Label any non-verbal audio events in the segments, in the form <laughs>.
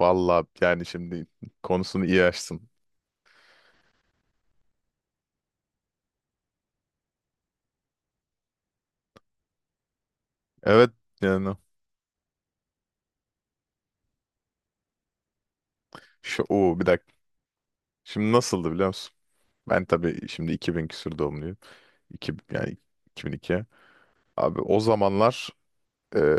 Vallahi yani şimdi konusunu iyi açtın. Evet yani şu o bir dakika. Şimdi nasıldı biliyor musun? Ben tabii şimdi 2000 küsur doğumluyum. 2 yani 2002. Abi o zamanlar e,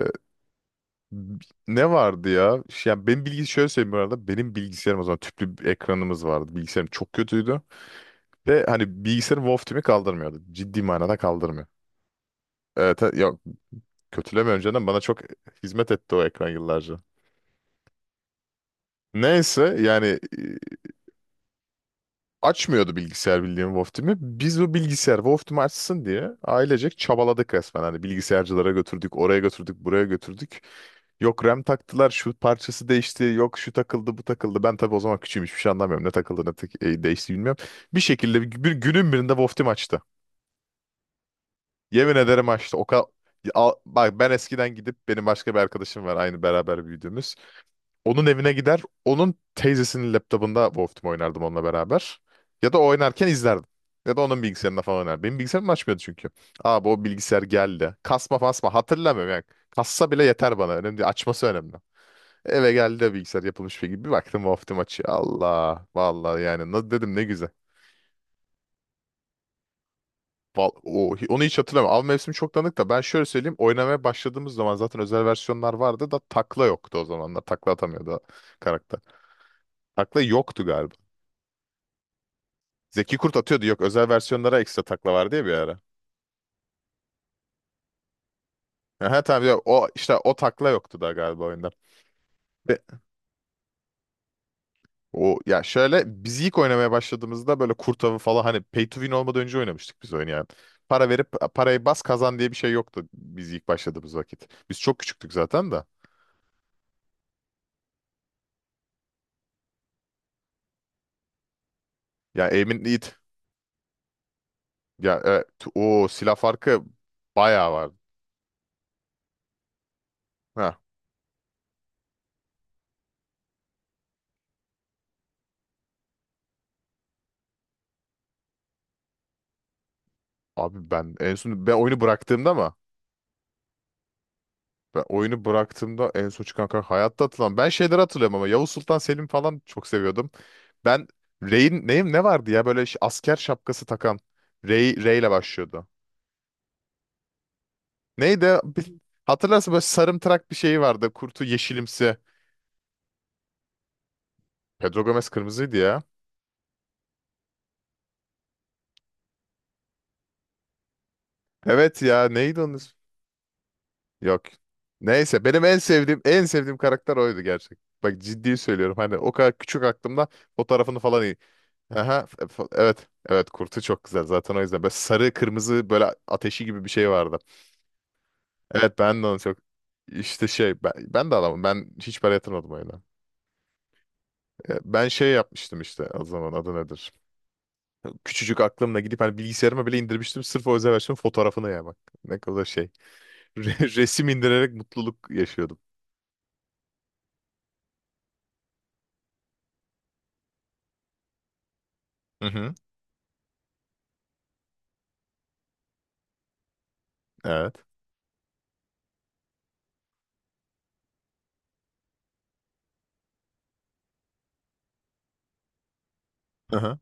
ne vardı ya? Şey, yani benim bilgi şöyle söyleyeyim bu arada. Benim bilgisayarım o zaman tüplü bir ekranımız vardı. Bilgisayarım çok kötüydü. Ve hani bilgisayarım Wolf kaldırmıyordu. Ciddi manada kaldırmıyor. Evet, yok kötüleme, önceden bana çok hizmet etti o ekran yıllarca. Neyse yani açmıyordu bilgisayar, bildiğim WoW Team'i. Biz o bilgisayar WoW Team'i açsın diye ailecek çabaladık resmen. Hani bilgisayarcılara götürdük, oraya götürdük, buraya götürdük. Yok RAM taktılar, şu parçası değişti, yok şu takıldı, bu takıldı. Ben tabii o zaman küçüğüm, hiçbir şey anlamıyorum. Ne takıldı, ne değişti bilmiyorum. Bir şekilde bir günün birinde WoW Team açtı. Yemin ederim açtı. O kadar... Bak, ben eskiden gidip, benim başka bir arkadaşım var aynı beraber büyüdüğümüz. Onun evine gider. Onun teyzesinin laptopunda Wolf Team oynardım onunla beraber. Ya da o oynarken izlerdim. Ya da onun bilgisayarında falan oynardım. Benim bilgisayarım açmıyordu çünkü. Abi o bilgisayar geldi. Kasma fasma hatırlamıyorum yani. Kassa bile yeter bana. Önemli değil. Açması önemli. Eve geldi o bilgisayar, yapılmış bir gibi. Bir baktım Wolf Team açıyor. Allah. Vallahi yani. Ne dedim, ne güzel. Onu hiç hatırlamıyorum. Av mevsimi çok tanıdık da ben şöyle söyleyeyim. Oynamaya başladığımız zaman zaten özel versiyonlar vardı da takla yoktu o zamanlar. Takla atamıyordu o karakter. Takla yoktu galiba. Zeki Kurt atıyordu. Yok, özel versiyonlara ekstra takla var diye bir ara. Aha, tamam ya, o işte o takla yoktu da galiba oyunda. Ve o, ya şöyle, biz ilk oynamaya başladığımızda böyle kurt avı falan, hani pay to win olmadan önce oynamıştık biz oyunu yani. Para verip parayı bas kazan diye bir şey yoktu biz ilk başladığımız vakit. Biz çok küçüktük zaten da. Ya Aim'in it ya evet, o silah farkı bayağı vardı. Ha abi, ben en son oyunu bıraktığımda mı? Ben oyunu bıraktığımda en son çıkan karakter hayatta hatırlamam. Ben şeyleri hatırlıyorum ama Yavuz Sultan Selim falan çok seviyordum. Ben Rey'in neyim, ne vardı ya, böyle asker şapkası takan Rey ile başlıyordu. Neydi? Hatırlarsın, böyle sarımtırak bir şeyi vardı. Kurtu yeşilimsi. Pedro Gomez kırmızıydı ya. Evet ya, neydi onun ismi? Yok. Neyse, benim en sevdiğim karakter oydu gerçek. Bak ciddi söylüyorum, hani o kadar küçük aklımda fotoğrafını falan. Aha, evet. Evet kurtu çok güzel. Zaten o yüzden böyle sarı kırmızı, böyle ateşi gibi bir şey vardı. Evet, ben de onu çok, işte şey, ben de alamam. Ben hiç para yatırmadım oyuna. Ben şey yapmıştım, işte o zaman adı nedir? Küçücük aklımla gidip hani bilgisayarıma bile indirmiştim. Sırf o özel versiyonun fotoğrafını, ya bak. Ne kadar şey. <laughs> Resim indirerek mutluluk yaşıyordum. Hı hı. Evet. Aha.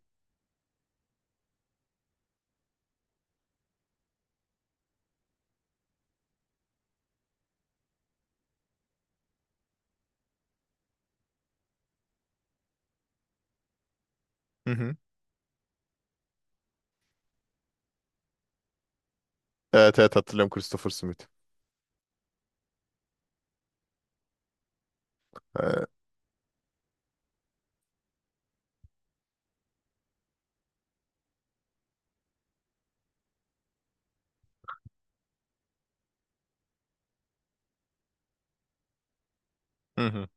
Hı hı. Evet evet, hatırlıyorum Christopher Smith. Ee, Hı hı.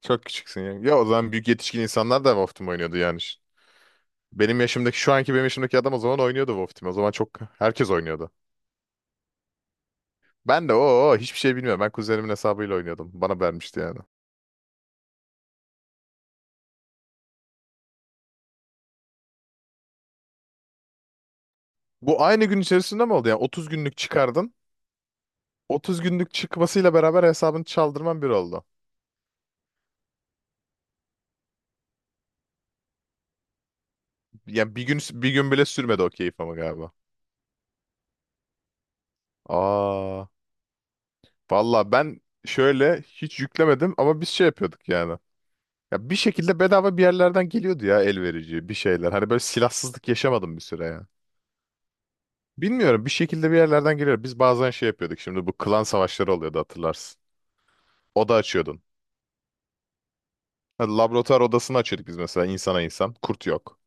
Çok küçüksün ya. Ya o zaman büyük yetişkin insanlar da Wolf'tum oynuyordu yani. Benim yaşımdaki şu anki benim yaşımdaki adam o zaman oynuyordu WoW Team. O zaman çok, herkes oynuyordu. Ben de o, hiçbir şey bilmiyorum. Ben kuzenimin hesabıyla oynuyordum. Bana vermişti yani. Bu aynı gün içerisinde mi oldu? Yani 30 günlük çıkardın. 30 günlük çıkmasıyla beraber hesabını çaldırman bir oldu. Yani bir gün bile sürmedi o keyif ama galiba. Aa, valla ben şöyle hiç yüklemedim ama biz şey yapıyorduk yani. Ya bir şekilde bedava bir yerlerden geliyordu ya, el verici bir şeyler. Hani böyle silahsızlık yaşamadım bir süre ya. Bilmiyorum, bir şekilde bir yerlerden geliyor. Biz bazen şey yapıyorduk, şimdi bu klan savaşları oluyordu hatırlarsın. Oda açıyordun. Ha, Laboratuvar odasını açıyorduk biz mesela, insana insan. Kurt yok.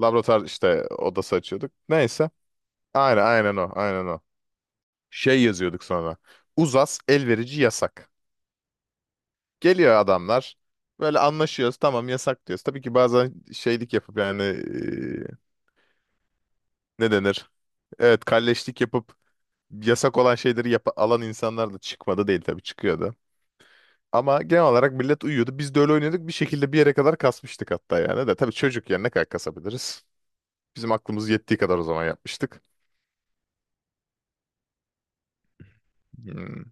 Laboratuvar işte odası açıyorduk. Neyse. Aynen aynen, o aynen o. Şey yazıyorduk sonra. Uzas elverici yasak. Geliyor adamlar. Böyle anlaşıyoruz, tamam yasak diyoruz. Tabii ki bazen şeylik yapıp yani, ne denir? Evet, kalleşlik yapıp yasak olan şeyleri yap alan insanlar da çıkmadı değil, tabii çıkıyordu. Ama genel olarak millet uyuyordu. Biz de öyle oynuyorduk. Bir şekilde bir yere kadar kasmıştık hatta yani de. Tabii çocuk yani, ne kadar kasabiliriz? Bizim aklımız yettiği kadar o zaman yapmıştık. Hmm.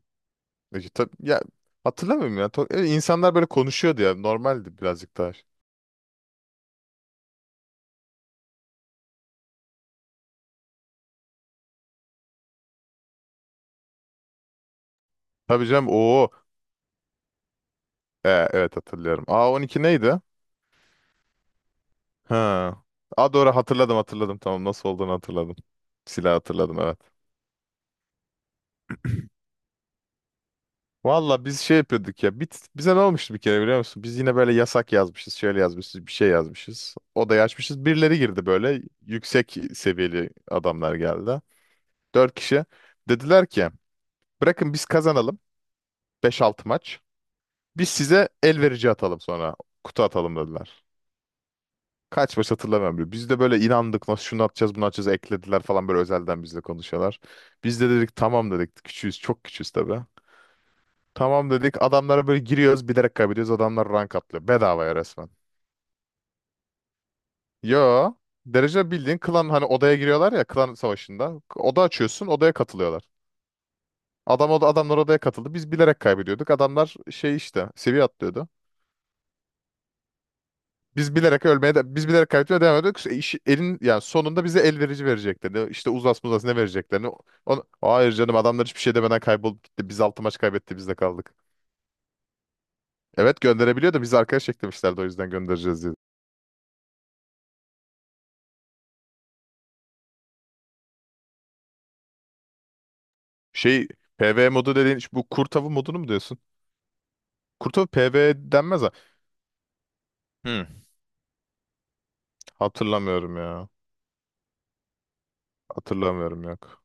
Tabii, ya hatırlamıyorum ya. İnsanlar böyle konuşuyordu ya. Normaldi birazcık daha. Tabii canım. Oo. Evet hatırlıyorum. A12 neydi? Ha. A, doğru hatırladım hatırladım. Tamam, nasıl olduğunu hatırladım. Silah, hatırladım evet. Valla biz şey yapıyorduk ya. Bize ne olmuştu bir kere biliyor musun? Biz yine böyle yasak yazmışız, şöyle yazmışız, bir şey yazmışız. Odaya açmışız. Birileri girdi böyle. Yüksek seviyeli adamlar geldi. Dört kişi. Dediler ki bırakın biz kazanalım beş 6 maç. Biz size el verici atalım sonra. Kutu atalım dediler. Kaç maç hatırlamıyorum bile. Biz de böyle inandık. Nasıl şunu atacağız, bunu atacağız, eklediler falan, böyle özelden bizle konuşuyorlar. Biz de dedik tamam dedik. Küçüğüz, çok küçüğüz tabii. Tamam dedik. Adamlara böyle giriyoruz, bilerek kaybediyoruz. Adamlar rank atlıyor. Bedavaya resmen. Yo. Derece bildiğin klan, hani odaya giriyorlar ya klan savaşında. Oda açıyorsun, odaya katılıyorlar. Adamlar odaya katıldı. Biz bilerek kaybediyorduk. Adamlar şey işte seviye atlıyordu. Biz bilerek kaybediyor devam ediyorduk. İşte elin, yani sonunda bize el verici vereceklerini, işte uzas muzas, ne vereceklerini. Hayır canım, adamlar hiçbir şey demeden kaybolup gitti. Biz altı maç kaybetti, biz de kaldık. Evet gönderebiliyor da, biz arkadaş eklemişlerdi o yüzden, göndereceğiz diye. Şey, PvE modu dediğin bu kurt modunu mu diyorsun? Kurt avı PvE denmez ha. Hmm. Hatırlamıyorum ya. Hatırlamıyorum, yok.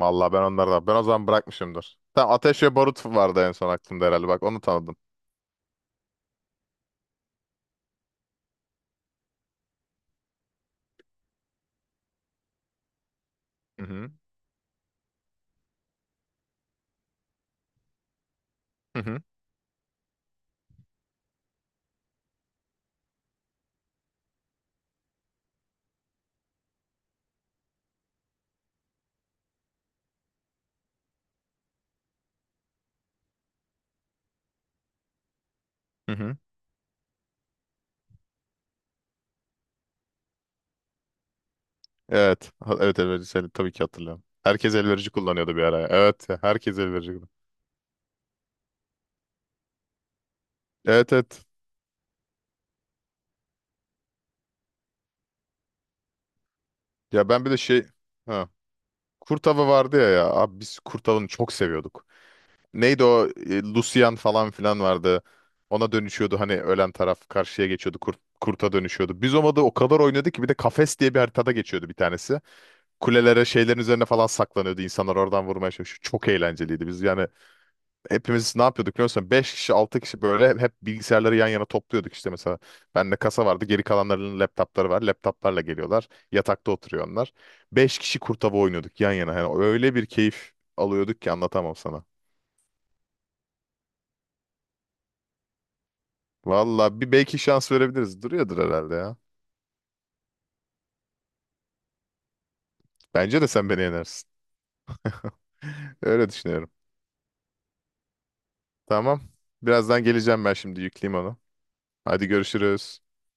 Vallahi ben onları da o zaman bırakmışımdır. Tamam, Ateş ve Barut vardı en son aklımda herhalde. Bak, onu tanıdım. Hı hı. Hı hı. Hı hı. Evet. Evet, elverici seni tabii ki hatırlıyorum. Herkes elverici kullanıyordu bir ara, ya. Evet, herkes elverici kullanıyordu. Evet evet. Ya ben bir de şey, ha, kurt vardı ya ya. Abi, biz kurtavını çok seviyorduk. Neydi o, Lucian falan filan vardı. Ona dönüşüyordu, hani ölen taraf karşıya geçiyordu, kurta dönüşüyordu. Biz o modu o kadar oynadı ki, bir de kafes diye bir haritada geçiyordu bir tanesi. Kulelere, şeylerin üzerine falan saklanıyordu insanlar, oradan vurmaya çalışıyor. Çok eğlenceliydi, biz yani hepimiz ne yapıyorduk biliyor musun? 5 kişi 6 kişi böyle hep bilgisayarları yan yana topluyorduk işte mesela. Bende kasa vardı, geri kalanlarının laptopları var, laptoplarla geliyorlar, yatakta oturuyor onlar. 5 kişi kurtava oynuyorduk yan yana, yani öyle bir keyif alıyorduk ki anlatamam sana. Valla bir, belki şans verebiliriz. Duruyordur herhalde ya. Bence de sen beni yenersin. <laughs> Öyle düşünüyorum. Tamam. Birazdan geleceğim, ben şimdi yükleyeyim onu. Hadi görüşürüz.